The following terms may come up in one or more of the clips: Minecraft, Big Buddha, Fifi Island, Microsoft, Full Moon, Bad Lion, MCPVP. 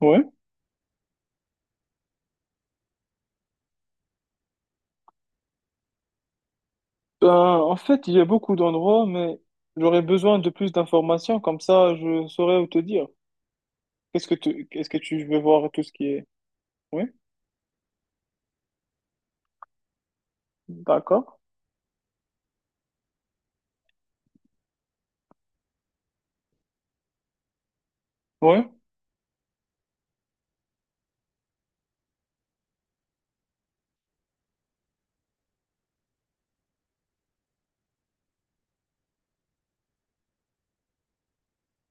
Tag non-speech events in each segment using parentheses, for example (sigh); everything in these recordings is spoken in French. Ouais. Ben, il y a beaucoup d'endroits, mais j'aurais besoin de plus d'informations, comme ça je saurais où te dire. Qu'est-ce que tu veux voir et tout ce qui est. Oui, d'accord. Oui,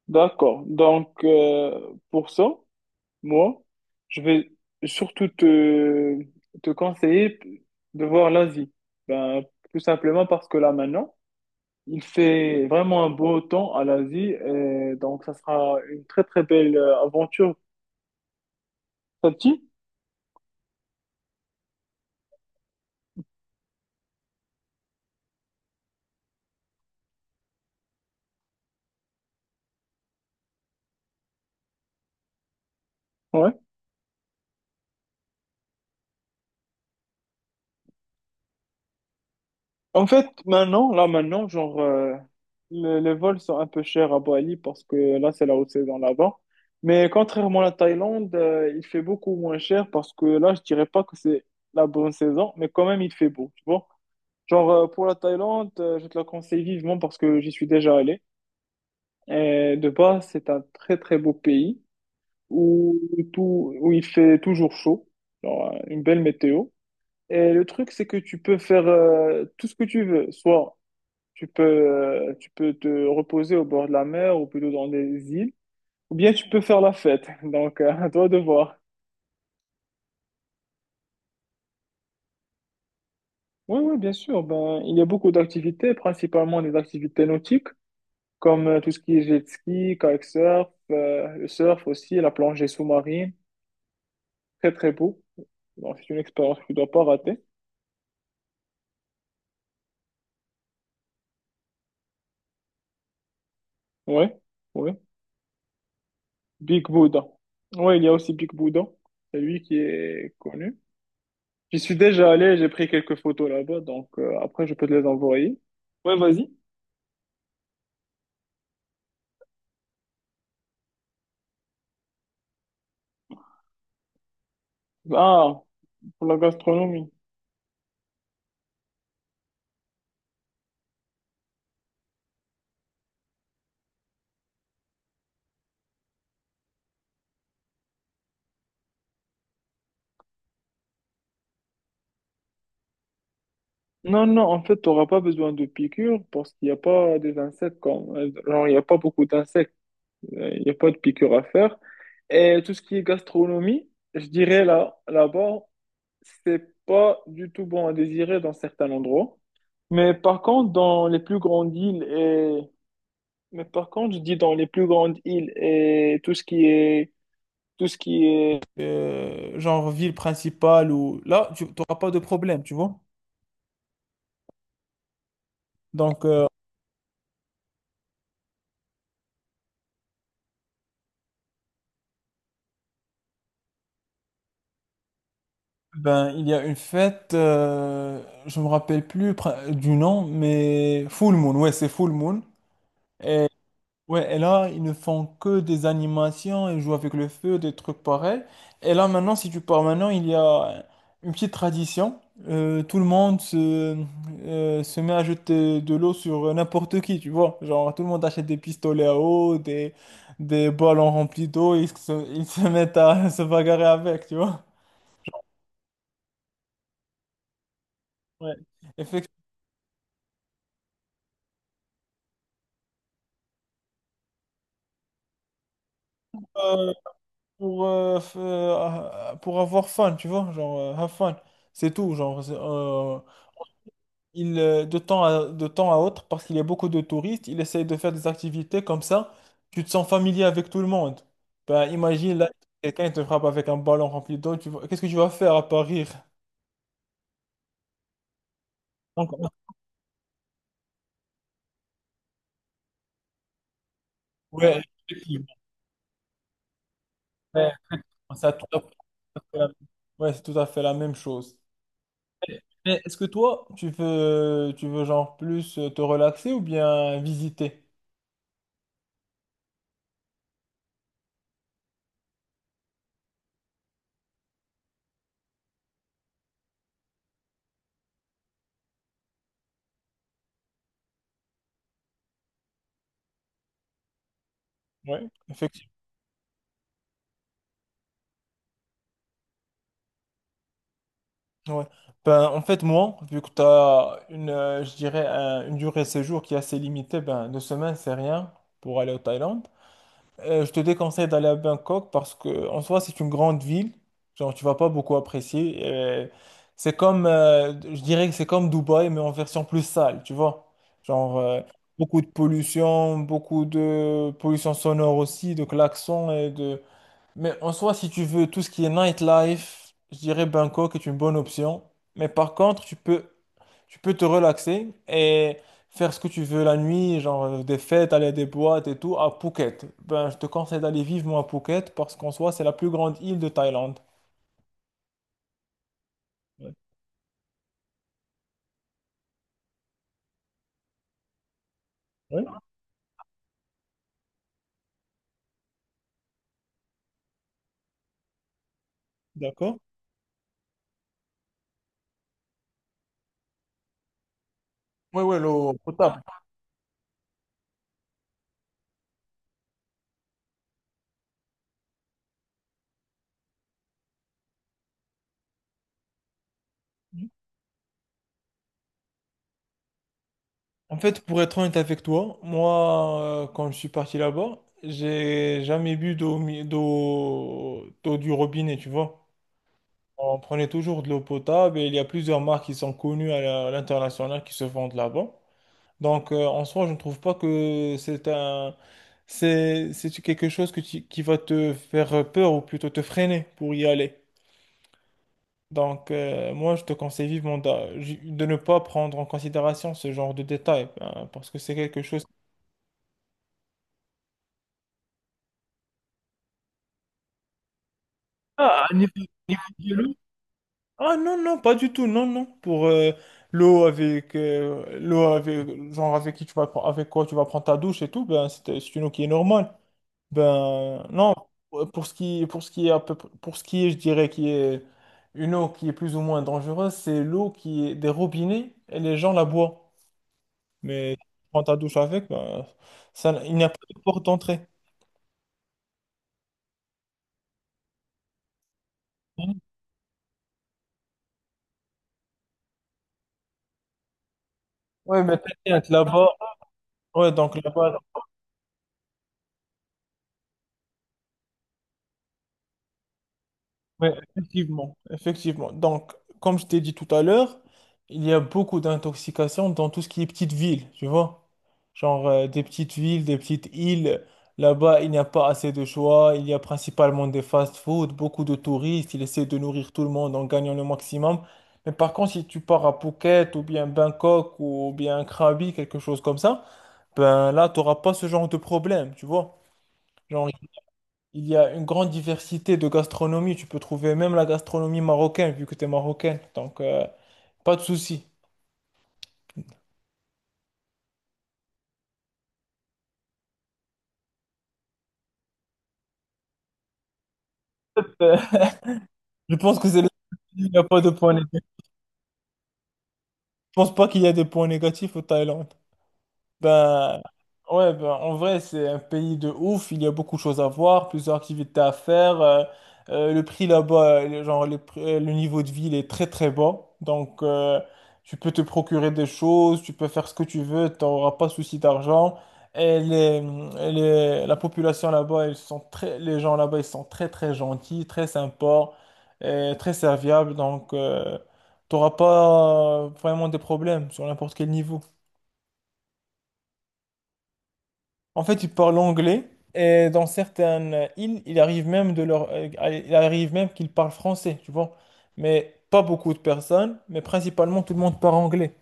d'accord. Donc, pour ça, moi, je vais surtout te conseiller de voir l'Asie. Ben, tout simplement parce que là maintenant, il fait vraiment un beau temps à l'Asie, et donc ça sera une très très belle aventure. Ça te dit? Ouais. En fait, maintenant, les vols sont un peu chers à Bali parce que là, c'est la haute saison là-bas. Mais contrairement à la Thaïlande, il fait beaucoup moins cher parce que là, je dirais pas que c'est la bonne saison, mais quand même, il fait beau, tu vois. Genre, pour la Thaïlande, je te la conseille vivement parce que j'y suis déjà allé. Et de base, c'est un très, très beau pays où, où il fait toujours chaud, genre, une belle météo. Et le truc, c'est que tu peux faire tout ce que tu veux, soit tu peux te reposer au bord de la mer ou plutôt dans des îles, ou bien tu peux faire la fête. (laughs) Donc, à toi de voir. Oui, oui, bien sûr. Ben, il y a beaucoup d'activités, principalement des activités nautiques, comme tout ce qui est jet ski, kitesurf, le surf aussi, la plongée sous-marine. Très, très beau. Donc, c'est une expérience que tu ne dois pas rater. Oui, oui. Big Buddha. Oui, il y a aussi Big Buddha. C'est lui qui est connu. J'y suis déjà allé, j'ai pris quelques photos là-bas, donc après je peux te les envoyer. Ouais, vas-y. Ah, pour la gastronomie. Non, non, en fait, tu n'auras pas besoin de piqûres parce qu'il n'y a pas des insectes comme... Genre, il n'y a pas beaucoup d'insectes, il n'y a pas de piqûres à faire. Et tout ce qui est gastronomie, je dirais là-bas, c'est pas du tout bon à désirer dans certains endroits. Mais par contre, dans les plus grandes îles et... Mais par contre, je dis dans les plus grandes îles et tout ce qui est... genre ville principale ou là, tu n'auras pas de problème, tu vois. Donc, ben, il y a une fête, je me rappelle plus du nom, mais Full Moon, ouais, c'est Full Moon. Ouais, et là, ils ne font que des animations, ils jouent avec le feu, des trucs pareils. Et là, maintenant, si tu pars maintenant, il y a une petite tradition. Tout le monde se, se met à jeter de l'eau sur n'importe qui, tu vois. Genre, tout le monde achète des pistolets à eau, des ballons remplis d'eau, ils se mettent à (laughs) se bagarrer avec, tu vois. Ouais. Effectivement, euh, pour avoir fun, tu vois, genre, have fun. C'est tout, genre. De temps de temps à autre, parce qu'il y a beaucoup de touristes, il essaye de faire des activités comme ça, tu te sens familier avec tout le monde. Ben, imagine, là, quelqu'un il te frappe avec un ballon rempli d'eau, qu'est-ce que tu vas faire à part rire? Donc, ouais, effectivement, ouais, ça, tout à fait la- ouais, c'est tout à fait la même chose. Mais est-ce que toi, tu veux genre plus te relaxer ou bien visiter? Ouais, effectivement. Ouais. Ben, en fait, moi, vu que tu as une, je dirais, une durée de séjour qui est assez limitée, ben, 2 semaines, c'est rien pour aller au Thaïlande. Je te déconseille d'aller à Bangkok parce que, en soi, c'est une grande ville. Genre, tu vas pas beaucoup apprécier. Et c'est comme, je dirais que c'est comme Dubaï, mais en version plus sale, tu vois. Genre, beaucoup de pollution sonore aussi, de klaxons mais en soi, si tu veux tout ce qui est nightlife, je dirais Bangkok est une bonne option. Mais par contre, tu peux te relaxer et faire ce que tu veux la nuit, genre des fêtes, aller à des boîtes et tout, à Phuket. Ben, je te conseille d'aller vivement à Phuket parce qu'en soi, c'est la plus grande île de Thaïlande. Ouais. Ouais, d'accord. Ouais, ouais, l'eau potable. En fait, pour être honnête avec toi, moi, quand je suis parti là-bas, j'ai jamais bu d'eau mi- d'eau d'eau du robinet, tu vois. On prenait toujours de l'eau potable et il y a plusieurs marques qui sont connues à l'international qui se vendent là-bas. Donc, en soi, je ne trouve pas que c'est quelque chose que qui va te faire peur ou plutôt te freiner pour y aller. Donc, moi, je te conseille vivement ne pas prendre en considération ce genre de détails hein, parce que c'est quelque chose. Ah, à niveau, ah non, non, pas du tout, non, non. Pour l'eau avec genre avec qui tu vas pre- avec quoi tu vas prendre ta douche et tout, ben c'est une eau qui est normale. Ben non, pour ce qui est à peu près- pour ce qui est, je dirais qui est une eau qui est plus ou moins dangereuse, c'est l'eau qui est des robinets et les gens la boivent. Mais tu prends ta douche avec, ben ça, il n'y a pas de porte d'entrée. Ouais, mais t'inquiète, là-bas, ouais, donc là-bas. Oui, effectivement, effectivement. Donc, comme je t'ai dit tout à l'heure, il y a beaucoup d'intoxication dans tout ce qui est petites villes, tu vois. Genre des petites villes, des petites îles. Là-bas, il n'y a pas assez de choix. Il y a principalement des fast-food, beaucoup de touristes. Ils essaient de nourrir tout le monde en gagnant le maximum. Mais par contre, si tu pars à Phuket ou bien Bangkok ou bien Krabi, quelque chose comme ça, ben là, tu n'auras pas ce genre de problème, tu vois. Genre, il y a une grande diversité de gastronomie. Tu peux trouver même la gastronomie marocaine, vu que tu es marocaine. Donc, pas de souci. Euh, je pense que c'est là où il n'y a pas de points négatifs. Je pense pas qu'il y a des points négatifs au Thaïlande. Ben, ouais, ben, en vrai, c'est un pays de ouf. Il y a beaucoup de choses à voir, plusieurs activités à faire. Le prix là-bas, genre, le niveau de vie, il est très très bas. Donc, tu peux te procurer des choses, tu peux faire ce que tu veux, tu n'auras pas souci d'argent. Et la population là-bas, les gens là-bas, ils sont très très gentils, très sympas, et très serviables. Donc, tu n'auras pas vraiment de problèmes sur n'importe quel niveau. En fait, ils parlent anglais et dans certaines îles, il arrive même qu'ils parlent français, tu vois. Mais pas beaucoup de personnes, mais principalement tout le monde parle anglais.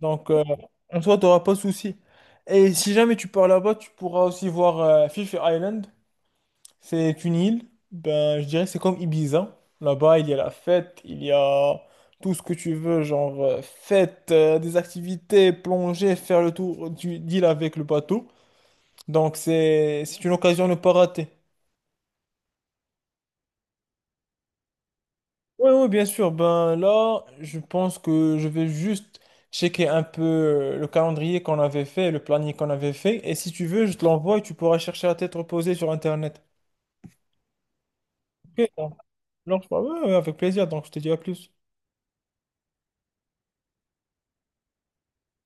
Donc, en soi, tu n'auras pas de souci. Et si jamais tu pars là-bas, tu pourras aussi voir Fifi Island. C'est une île, ben, je dirais que c'est comme Ibiza. Là-bas, il y a la fête, il y a tout ce que tu veux, genre fête, des activités, plonger, faire le tour d'île avec le bateau. Donc c'est une occasion à ne pas rater. Oui, oui, bien sûr. Ben là, je pense que je vais juste checker un peu le calendrier qu'on avait fait, le planning qu'on avait fait. Et si tu veux, je te l'envoie et tu pourras chercher à tête reposée sur Internet. Ok, donc, ouais, ouais, avec plaisir. Donc je te dis à plus.